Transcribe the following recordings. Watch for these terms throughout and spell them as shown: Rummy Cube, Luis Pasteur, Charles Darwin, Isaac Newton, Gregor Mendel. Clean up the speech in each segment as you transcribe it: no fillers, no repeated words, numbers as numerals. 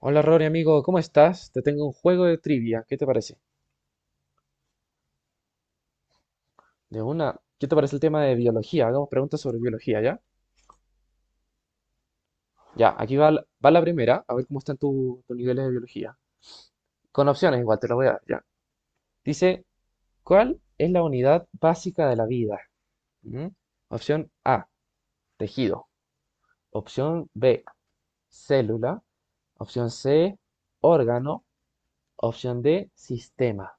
Hola Rory, amigo, ¿cómo estás? Te tengo un juego de trivia, ¿qué te parece? De una, ¿qué te parece el tema de biología? Hagamos preguntas sobre biología, ¿ya? Ya, aquí va, va la primera, a ver cómo están tus niveles de biología. Con opciones igual, te lo voy a dar, ya. Dice, ¿cuál es la unidad básica de la vida? ¿Mm? Opción A, tejido. Opción B, célula. Opción C, órgano. Opción D, sistema.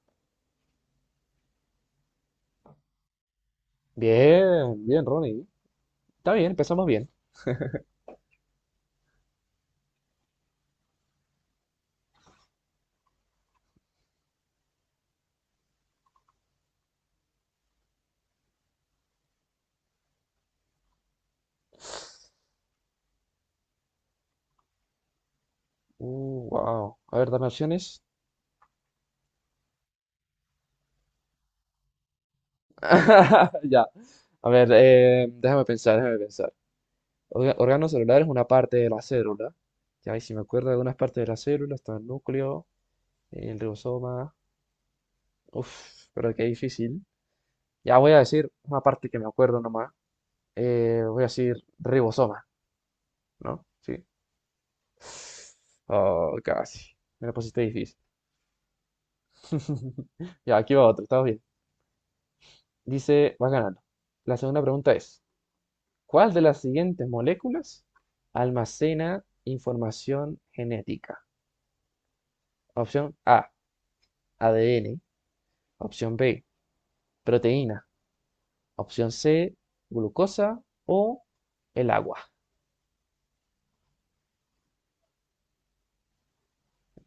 Bien, bien, Ronnie. Está bien, empezamos bien. Wow. A ver, dame opciones. Ya. A ver, déjame pensar, déjame pensar. Órgano celular es una parte de la célula. Ya, y si me acuerdo de algunas partes de la célula, está el núcleo, el ribosoma. Uf, pero qué difícil. Ya voy a decir una parte que me acuerdo nomás. Voy a decir ribosoma, ¿no? Sí. Oh, casi. Me la pusiste difícil. Ya, aquí va otro, está bien. Dice, vas ganando. La segunda pregunta es. ¿Cuál de las siguientes moléculas almacena información genética? Opción A, ADN. Opción B, proteína. Opción C, glucosa o el agua.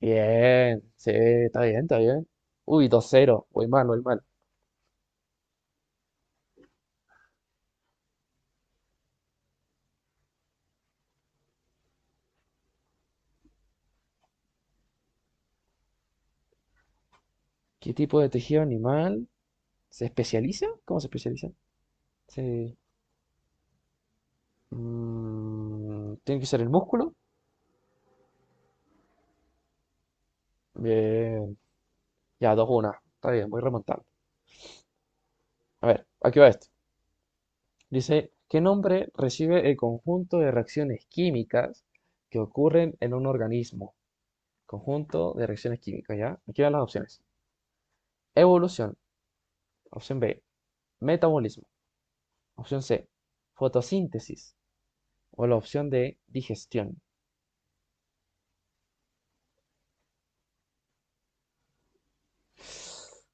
Bien, sí, está bien, está bien. Uy, 2-0. Voy mal, voy mal. ¿Qué tipo de tejido animal se especializa? ¿Cómo se especializa? Se... ¿Tiene que ser el músculo? Bien. Ya, dos 1. Está bien, voy remontando. A ver, aquí va esto. Dice, ¿qué nombre recibe el conjunto de reacciones químicas que ocurren en un organismo? Conjunto de reacciones químicas, ¿ya? Aquí van las opciones. Evolución, opción B. Metabolismo, opción C. Fotosíntesis o la opción de digestión.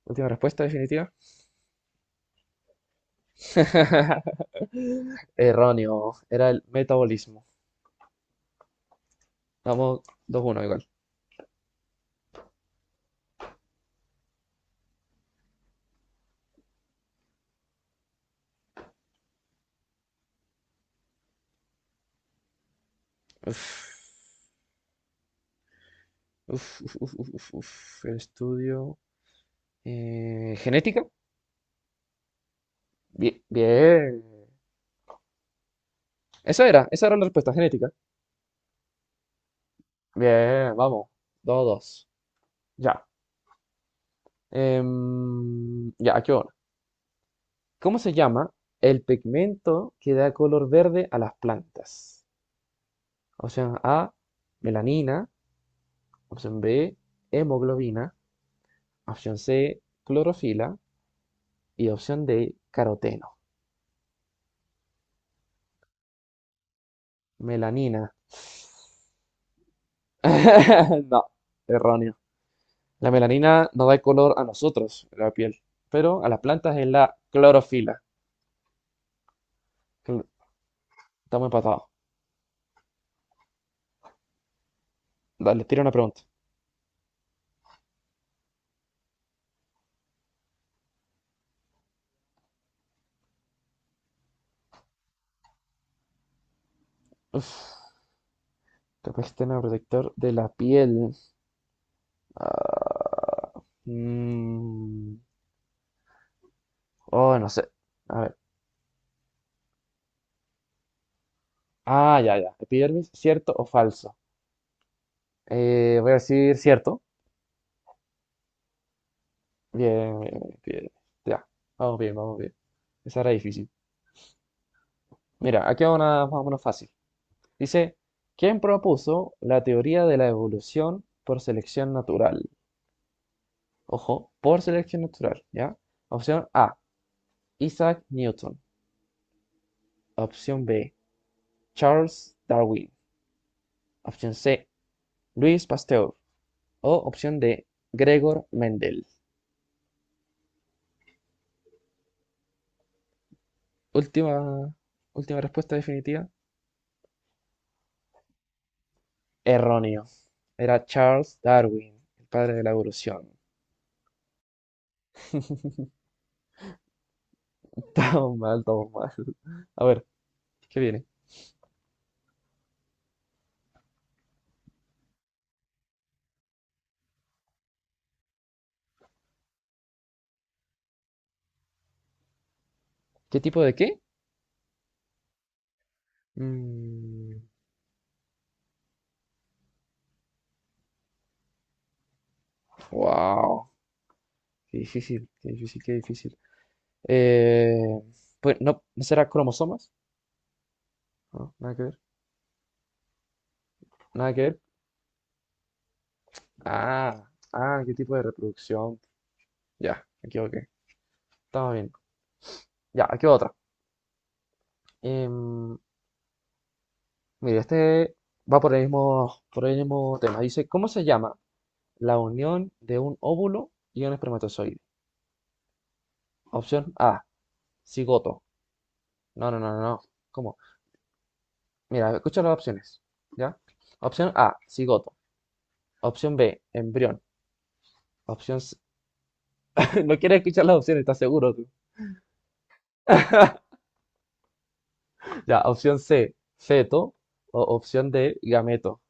Última respuesta definitiva. Erróneo, era el metabolismo. Vamos, 2-1 igual. Uf, uf, uf, uf, uf, uf. El estudio. ¿Genética? Bien, bien. Esa era la respuesta genética. Bien, vamos. 2-2. Ya. Ya, aquí va una. ¿Cómo se llama el pigmento que da color verde a las plantas? Opción A, melanina. Opción B, hemoglobina. Opción C, clorofila. Y opción D, caroteno. Melanina. No, erróneo. La melanina no da color a nosotros, la piel, pero a las plantas es la clorofila. Cl- Estamos empatados. Dale, tira una pregunta. Uf, tema protector de la piel. Mm, oh, no sé. A ver. Ah, ya, ya. Epidermis, ¿cierto o falso? Voy a decir cierto. Bien, bien, bien, epidermis. Ya, vamos bien, vamos bien. Esa era difícil. Mira, aquí va una más o menos fácil. Dice, ¿quién propuso la teoría de la evolución por selección natural? Ojo, por selección natural, ¿ya? Opción A, Isaac Newton. Opción B, Charles Darwin. Opción C, Luis Pasteur. O opción D, Gregor Mendel. Última, última respuesta definitiva. Erróneo. Era Charles Darwin, el padre de la evolución. Todo mal, todo mal. A ver, ¿qué viene? ¿Qué tipo de qué? Mm, wow. Qué difícil, qué difícil, qué difícil. Eh, pues no, ¿no será cromosomas? No, nada que ver. Nada que ver. Ah, ah, qué tipo de reproducción. Ya, me equivoqué. Estamos bien. Ya, aquí va otra. Em, Mira, este va por el mismo tema. Dice, ¿cómo se llama la unión de un óvulo y un espermatozoide? Opción A, cigoto. No, no, no, no, no. ¿Cómo? Mira, escucha las opciones. ¿Ya? Opción A, cigoto. Opción B, embrión. Opción C... No quieres escuchar las opciones, ¿estás seguro tú? Ya, opción C, feto. O opción D, gameto.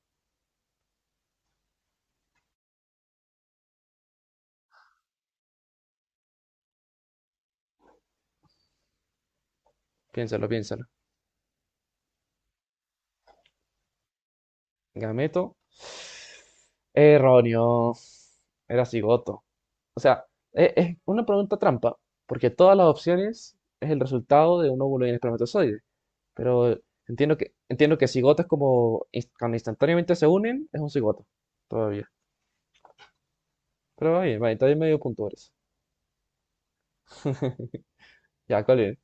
Piénsalo, piénsalo. Gameto. Erróneo. Era cigoto. O sea, es una pregunta trampa, porque todas las opciones es el resultado de un óvulo y un espermatozoide. Pero entiendo que cigotas como cuando instantáneamente se unen, es un cigoto, todavía. Pero va bien, todavía medio punto por eso. Ya, ¿cuál es?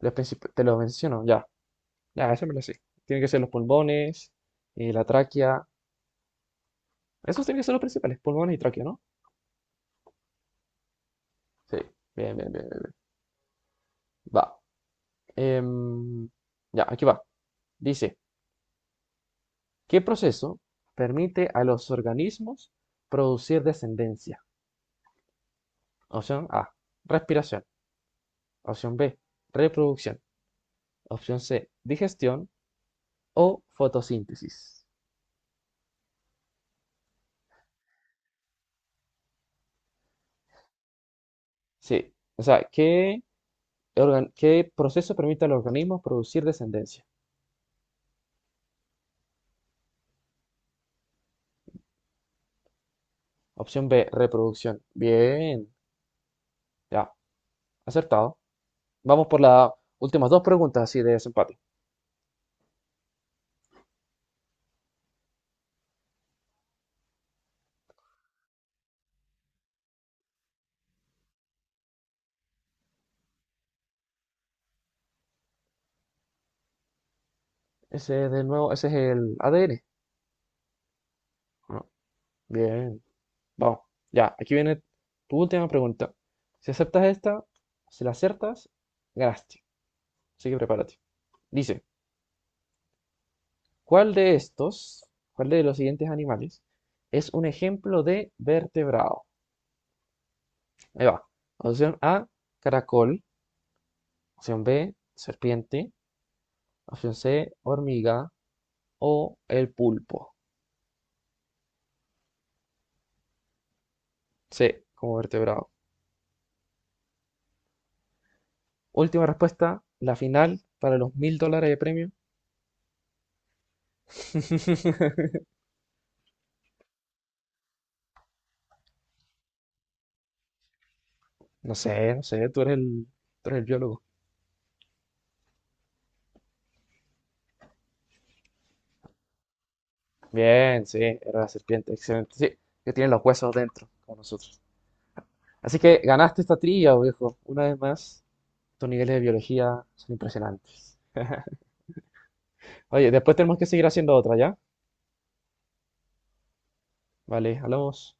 Te lo menciono, ya. Ya, eso me lo sé. Tienen que ser los pulmones, la tráquea. Esos tienen que ser los principales, pulmones y tráquea, ¿no? Sí, bien, bien, bien, bien. Va. Em, ya, aquí va. Dice, ¿qué proceso permite a los organismos producir descendencia? Opción A, respiración. Opción B, reproducción. Opción C, digestión o fotosíntesis. Sí, o sea, ¿qué, qué proceso permite al organismo producir descendencia? Opción B, reproducción. Bien, ya, acertado. Vamos por las últimas dos preguntas así de desempate. Ese de nuevo, ese es el ADN, ¿no? Bien. Vamos, ya, aquí viene tu última pregunta. Si aceptas esta, si la acertas, ganaste. Así que prepárate. Dice, ¿cuál de estos, cuál de los siguientes animales es un ejemplo de vertebrado? Ahí va. Opción A, caracol. Opción B, serpiente. Opción C, hormiga. O el pulpo. C, como vertebrado. Última respuesta, la final para los $1,000 de premio. No sé, no sé, tú eres el biólogo. Bien, sí, era la serpiente, excelente. Sí, que tiene los huesos dentro, como nosotros. Así que ganaste esta trilla, viejo. Una vez más, tus niveles de biología son impresionantes. Oye, después tenemos que seguir haciendo otra, ¿ya? Vale, hablamos.